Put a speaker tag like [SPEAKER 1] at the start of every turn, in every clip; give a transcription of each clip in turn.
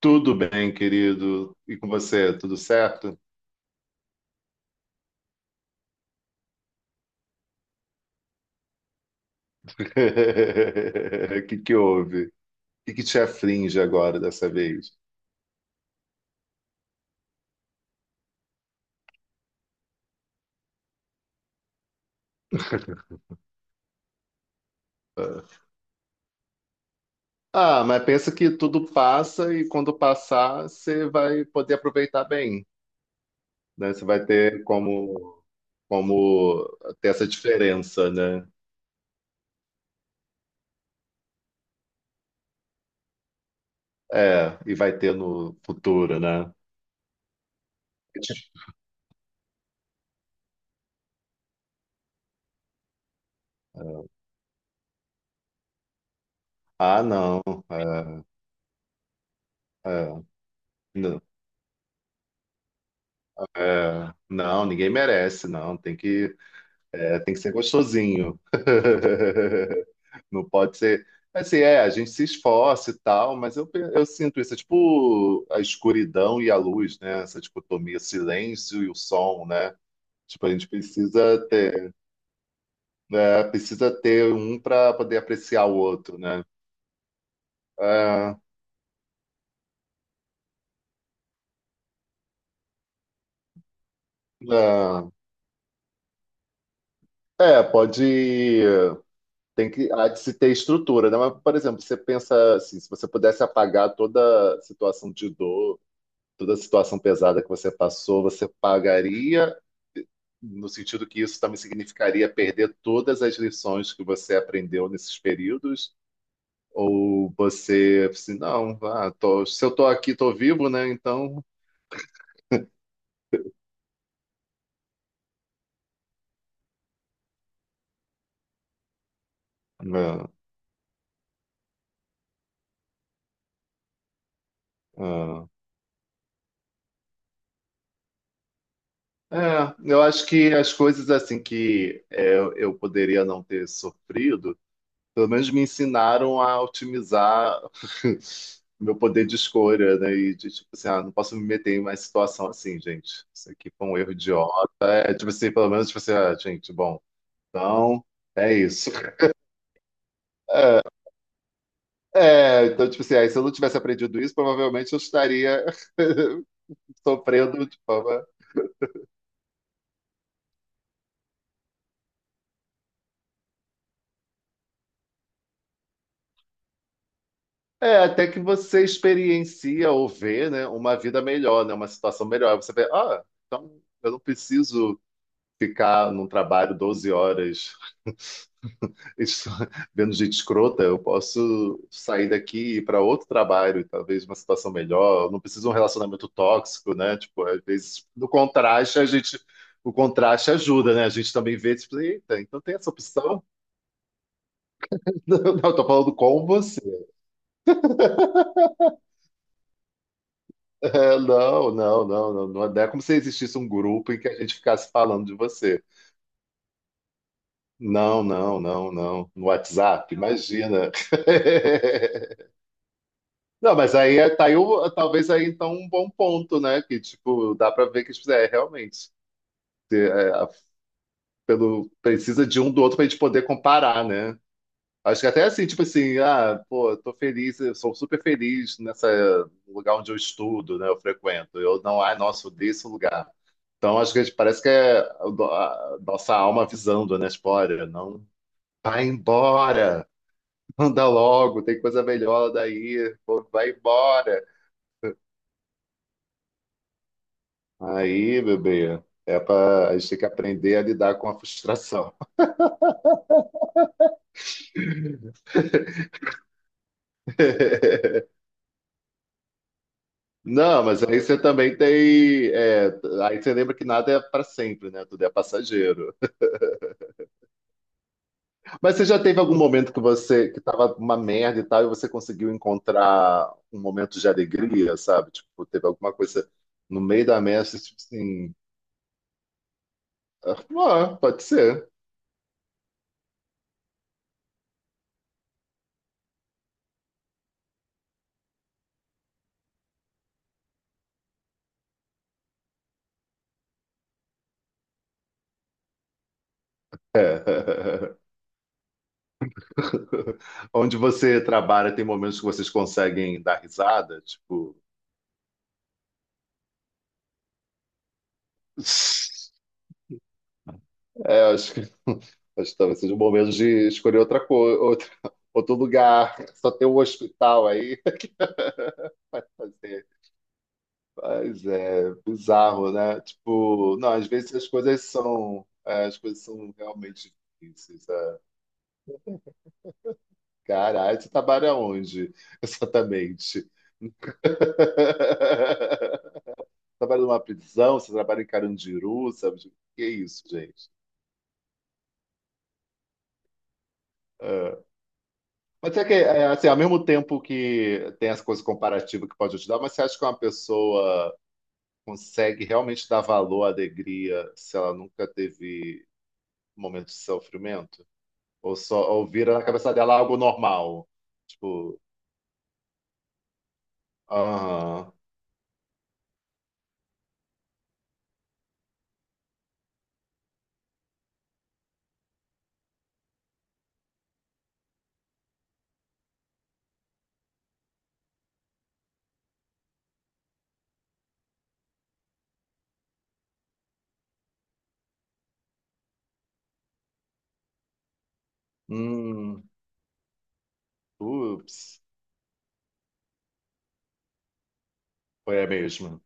[SPEAKER 1] Tudo bem, querido? E com você, tudo certo? O que que houve? O que que te aflige agora dessa vez? Ah, mas pensa que tudo passa e quando passar, você vai poder aproveitar bem, né? Você vai ter como, como ter essa diferença, né? É, e vai ter no futuro, né? Ah, não. É, é, não, é, não, ninguém merece, não. Tem que É, tem que ser gostosinho. Não pode ser. Assim, é, a gente se esforça e tal, mas eu sinto isso, é tipo a escuridão e a luz, né? Essa dicotomia, silêncio e o som, né? Tipo, a gente precisa ter, né? Precisa ter um para poder apreciar o outro, né? É, é, pode. Há de se ter estrutura, né? Mas, por exemplo, você pensa assim, se você pudesse apagar toda situação de dor, toda a situação pesada que você passou, você pagaria, no sentido que isso também significaria perder todas as lições que você aprendeu nesses períodos? Ou você, assim, não, vá, se eu estou aqui, estou vivo, né? Então, é, é. É, eu acho que as coisas assim que é, eu poderia não ter sofrido. Pelo menos me ensinaram a otimizar meu poder de escolha, né? E de tipo assim, ah, não posso me meter em mais situação assim, gente. Isso aqui foi um erro idiota. É, tipo assim, pelo menos, tipo assim, ah, gente, bom, então é isso. É, então, tipo assim, aí, se eu não tivesse aprendido isso, provavelmente eu estaria sofrendo de forma. É, até que você experiencia ou vê, né, uma vida melhor, né, uma situação melhor. Você vê, ah, então eu não preciso ficar num trabalho 12 horas isso, vendo gente escrota, eu posso sair daqui e ir para outro trabalho, talvez uma situação melhor. Eu não preciso de um relacionamento tóxico, né? Tipo, às vezes, no contraste, a gente. O contraste ajuda, né? A gente também vê, tipo, eita, então tem essa opção? Não, não, eu tô falando com você. É, não, não, não, não, não. Não é como se existisse um grupo em que a gente ficasse falando de você. Não, não, não, não. No WhatsApp, imagina. Não, mas aí tá aí talvez aí então um bom ponto, né? Que tipo, dá pra ver que tipo, é, realmente é, pelo, precisa de um do outro pra gente poder comparar, né? Acho que até assim, tipo assim, ah, pô, eu tô feliz, eu sou super feliz nessa no lugar onde eu estudo, né? Eu frequento. Eu não, ai, nossa, odeio esse lugar. Então acho que a gente parece que é a nossa alma avisando, né? Tipo, olha, não vai embora, anda logo, tem coisa melhor daí, pô, vai embora. Aí, bebê, é para a gente tem que aprender a lidar com a frustração. Não, mas aí você também tem. É, aí você lembra que nada é para sempre, né? Tudo é passageiro. Mas você já teve algum momento que você que tava uma merda e tal, e você conseguiu encontrar um momento de alegria, sabe? Tipo, teve alguma coisa no meio da merda, você, tipo assim. Ah, pode ser. É. Onde você trabalha, tem momentos que vocês conseguem dar risada, tipo. É, eu acho que, acho que talvez seja o momento de escolher outra coisa, outra, outro lugar. Só tem um hospital aí. Vai fazer. Mas é bizarro, né? Tipo, não, às vezes as coisas são, é, as coisas são realmente difíceis. É. Caralho, você trabalha onde exatamente? Trabalha numa prisão, você trabalha em Carandiru, sabe? Tipo, que isso, gente? É. Mas é que, é, assim, ao mesmo tempo que tem as coisas comparativas que pode ajudar, mas você acha que uma pessoa consegue realmente dar valor à alegria se ela nunca teve um momento de sofrimento? Ou só ou vira na cabeça dela algo normal? Tipo, ah, hum, ups, foi a mesma.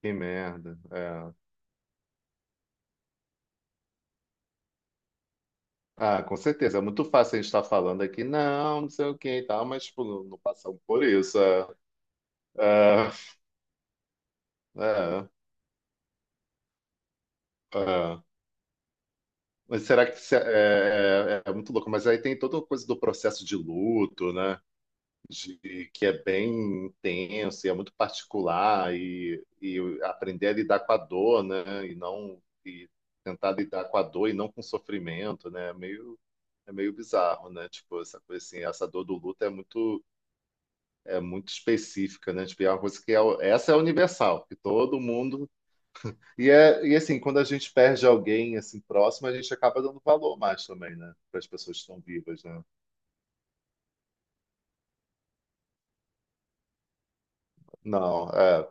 [SPEAKER 1] Que merda. É. Ah, com certeza. É muito fácil a gente estar falando aqui, não, não sei o que e tal, mas, tipo, não, não passamos por isso. É, é. Mas será que se- é, é- é muito louco? Mas aí tem toda a coisa do processo de luto, né? De, que é bem intenso e é muito particular e aprender a lidar com a dor, né? E não e tentar lidar com a dor e não com o sofrimento, né? É meio bizarro, né? Tipo essa coisa assim, essa dor do luto é muito específica, né? Tipo, é uma coisa que é, essa é universal, que todo mundo e, é, e assim, quando a gente perde alguém assim próximo, a gente acaba dando valor mais também, né? Para as pessoas que estão vivas, né? Não, é.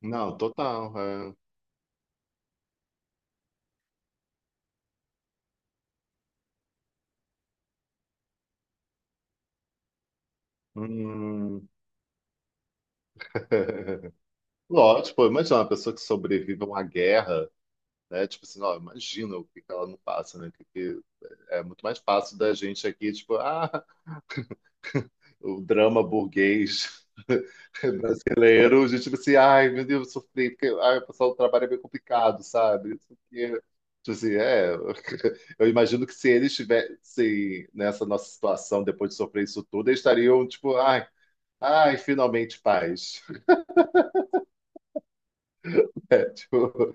[SPEAKER 1] Não, total. É. Hum. Lógico, pô, imagina uma pessoa que sobrevive a uma guerra, né? Tipo assim, ó, imagina o que que ela não passa, né? Que é muito mais fácil da gente aqui, tipo, ah, o drama burguês brasileiro, a gente tipo assim, ai, meu Deus, eu sofri, porque ai, o pessoal, o trabalho é meio complicado, sabe? Isso aqui, tipo assim, é, eu imagino que se eles estivessem nessa nossa situação, depois de sofrer isso tudo, eles estariam, tipo, ai, ai, finalmente paz. Tipo,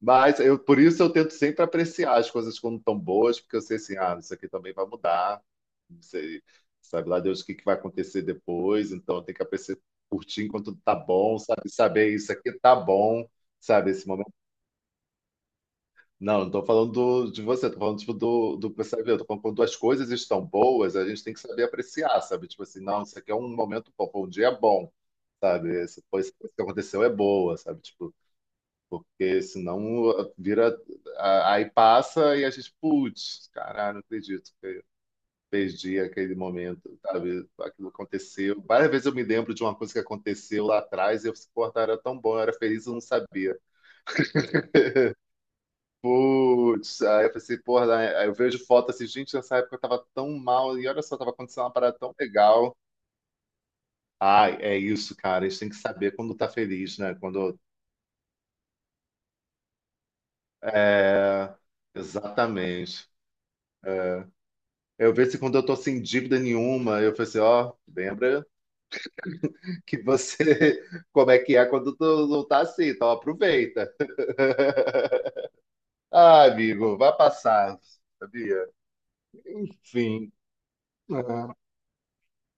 [SPEAKER 1] mas eu, por isso eu tento sempre apreciar as coisas quando estão boas, porque eu sei assim, ah, isso aqui também vai mudar, não sei, sabe lá Deus o que que vai acontecer depois, então tem que apreciar, curtir enquanto tá bom, sabe, saber isso aqui tá bom, sabe, esse momento. Não, não tô falando de você, tô falando tipo, do, do, sabe, eu tô falando quando as coisas estão boas, a gente tem que saber apreciar, sabe, tipo assim, não, isso aqui é um momento bom, foi um dia bom, sabe, essa coisa que aconteceu é boa, sabe, tipo, porque senão ah, vira. Aí passa e a gente, putz, caralho, não acredito que perdi aquele momento, sabe? Aquilo aconteceu. Várias vezes eu me lembro de uma coisa que aconteceu lá atrás e eu pensei, porra, era tão bom, eu era feliz, eu não sabia. Putz, aí eu pensei, porra, né? Aí eu vejo foto assim, gente, nessa época eu tava tão mal e olha só, tava acontecendo uma parada tão legal. Ai, é isso, cara, a gente tem que saber quando tá feliz, né? Quando. É, exatamente. Eu vejo se quando eu tô sem dívida nenhuma, eu falei assim, ó, lembra que você, como é que é quando tu não tá assim, então aproveita. Ah, amigo, vai passar, sabia? Enfim. É.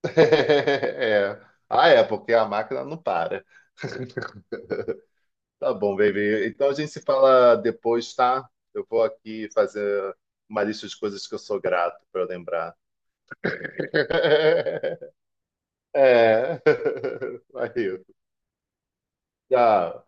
[SPEAKER 1] É. Ah, é, porque a máquina não para. Tá bom, baby. Então a gente se fala depois, tá? Eu vou aqui fazer uma lista de coisas que eu sou grato pra eu lembrar. É. Valeu. Tchau.